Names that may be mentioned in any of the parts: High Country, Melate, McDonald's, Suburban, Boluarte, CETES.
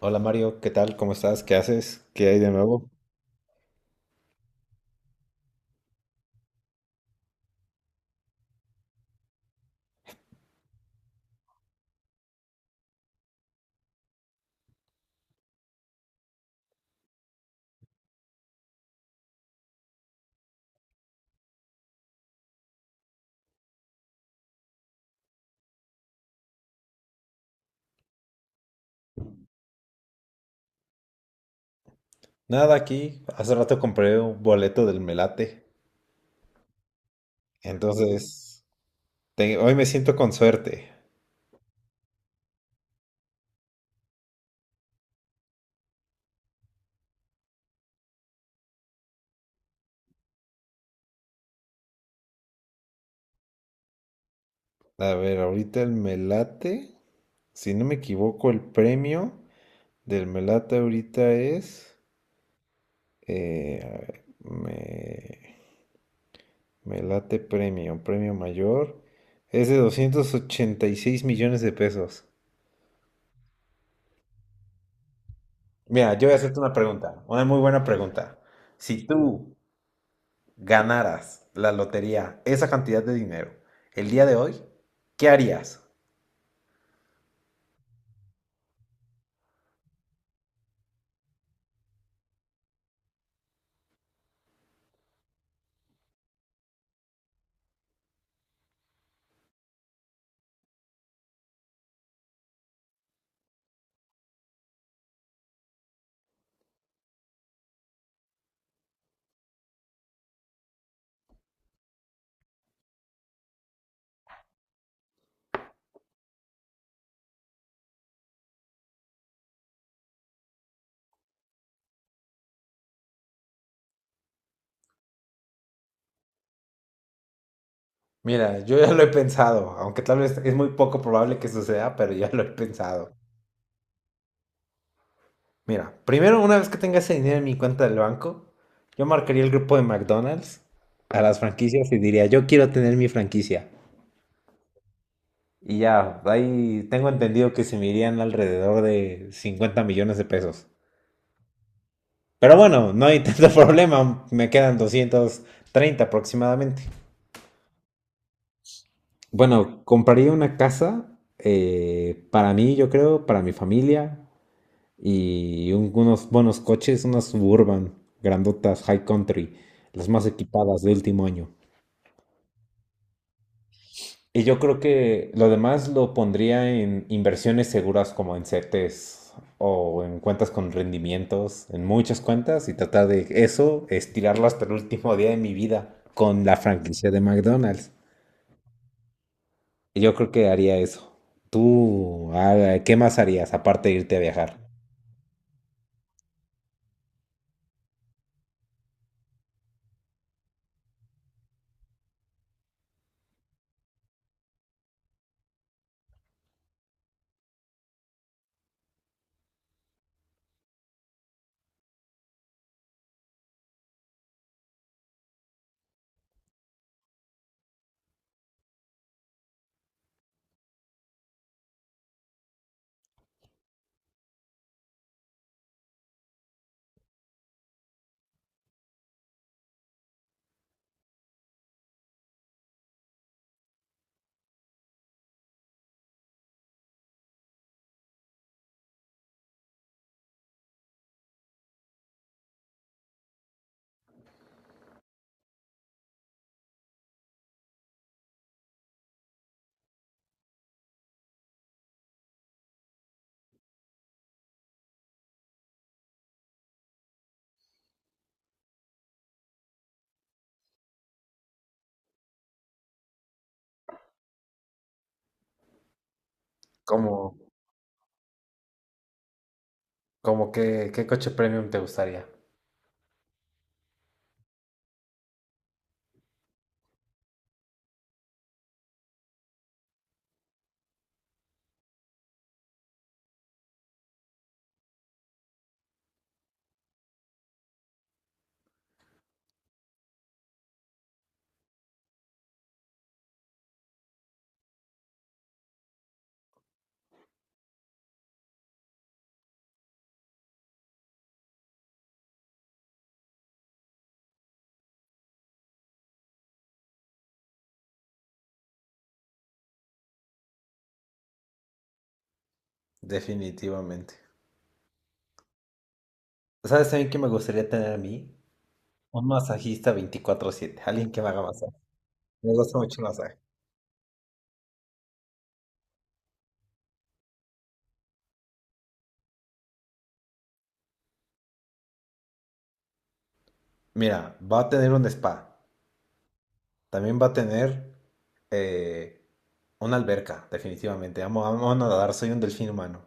Hola Mario, ¿qué tal? ¿Cómo estás? ¿Qué haces? ¿Qué hay de nuevo? Nada aquí. Hace rato compré un boleto del Melate. Entonces, hoy me siento con suerte. A ver, ahorita el Melate, si no me equivoco, el premio del Melate ahorita es... a ver, me, Melate premio, premio mayor. Es de 286 millones de pesos. Mira, yo voy a hacerte una pregunta, una muy buena pregunta. Si tú ganaras la lotería, esa cantidad de dinero, el día de hoy, ¿qué harías? Mira, yo ya lo he pensado, aunque tal vez es muy poco probable que suceda, pero ya lo he pensado. Mira, primero, una vez que tenga ese dinero en mi cuenta del banco, yo marcaría el grupo de McDonald's a las franquicias y diría, yo quiero tener mi franquicia. Y ya, ahí tengo entendido que se me irían alrededor de 50 millones de pesos. Pero bueno, no hay tanto problema, me quedan 230 aproximadamente. Bueno, compraría una casa para mí, yo creo, para mi familia y unos buenos coches, unas Suburban grandotas, High Country, las más equipadas de último año. Y yo creo que lo demás lo pondría en inversiones seguras como en CETES o en cuentas con rendimientos, en muchas cuentas y tratar de eso, estirarlo hasta el último día de mi vida con la franquicia de McDonald's. Yo creo que haría eso. ¿Tú qué más harías aparte de irte a viajar? Como, como que, ¿qué coche premium te gustaría? Definitivamente. ¿Sabes también que me gustaría tener a mí? Un masajista 24/7, alguien que me haga masaje. Me gusta mucho el masaje. Mira, va a tener un spa, también va a tener eh, una alberca, definitivamente. Amo nadar, soy un delfín humano.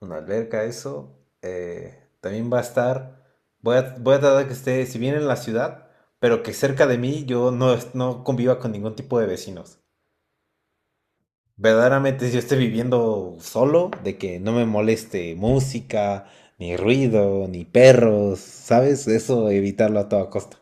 Una alberca, eso. También va a estar. Voy a tratar que esté, si bien en la ciudad, pero que cerca de mí yo no, no conviva con ningún tipo de vecinos. Verdaderamente, si yo esté viviendo solo, de que no me moleste música, ni ruido, ni perros, ¿sabes? Eso evitarlo a toda costa.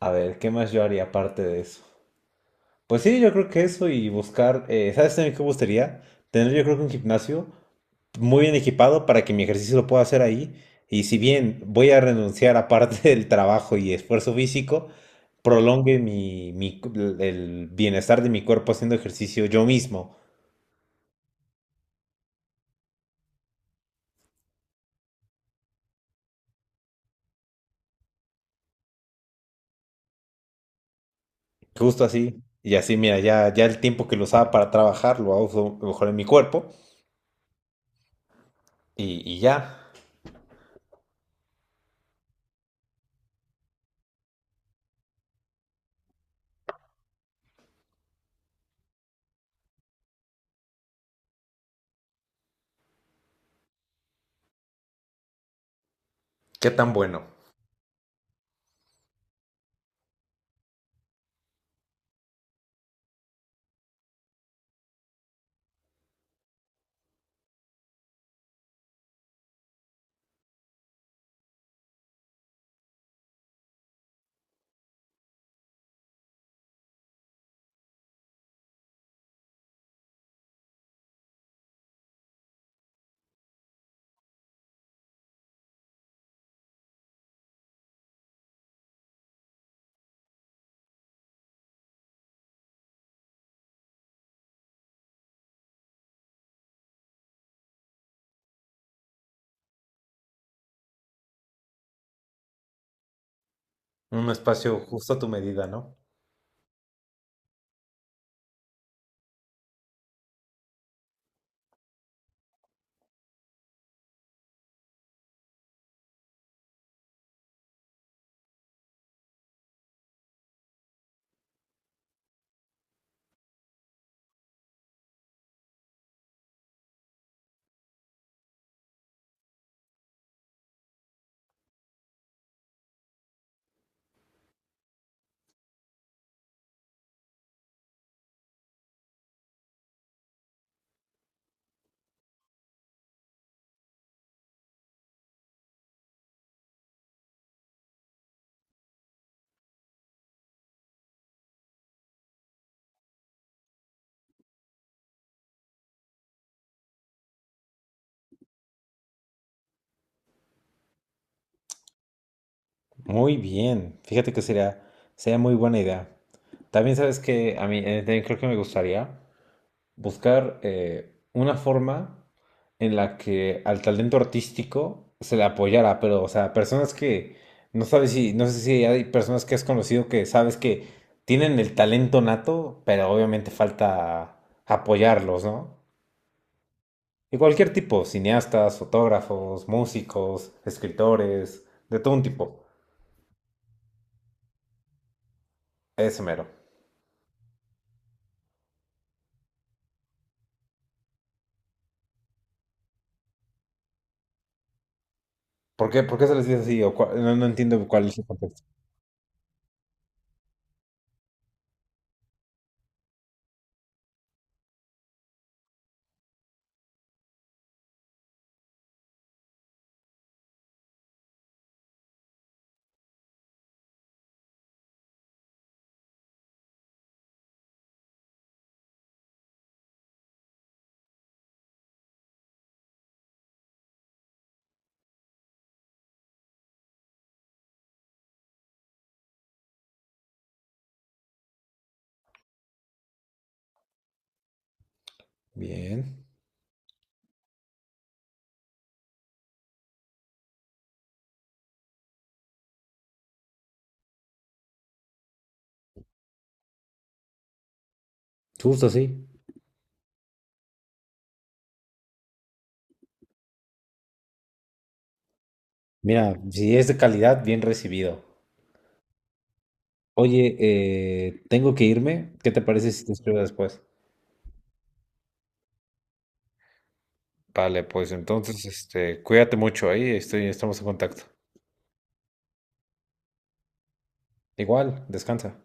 A ver, ¿qué más yo haría aparte de eso? Pues sí, yo creo que eso y buscar. ¿Sabes también qué me gustaría? Tener yo creo que un gimnasio muy bien equipado para que mi ejercicio lo pueda hacer ahí. Y si bien voy a renunciar a parte del trabajo y esfuerzo físico, prolongue el bienestar de mi cuerpo haciendo ejercicio yo mismo, justo así. Y así, mira, ya el tiempo que lo usaba para trabajar lo uso mejor en mi cuerpo y ya. Qué tan bueno. Un espacio justo a tu medida, ¿no? Muy bien. Sería muy buena idea. También sabes que a mí también creo que me gustaría. Buscar una forma en la que al talento artístico se le apoyara, pero, o sea, personas que no sabes si, no sé si hay personas que has conocido que sabes que tienen el talento nato, pero obviamente falta apoyarlos, ¿no? Y cualquier tipo, cineastas, fotógrafos, músicos, escritores, de todo un tipo. Ese mero. ¿Por qué se les dice así? O no, no entiendo cuál es el contexto. Bien. Justo así. Mira, si es de calidad, bien recibido. Oye, tengo que irme. ¿Qué te parece si te escribo después? Vale, pues entonces, cuídate mucho ahí, estamos en contacto. Igual, descansa.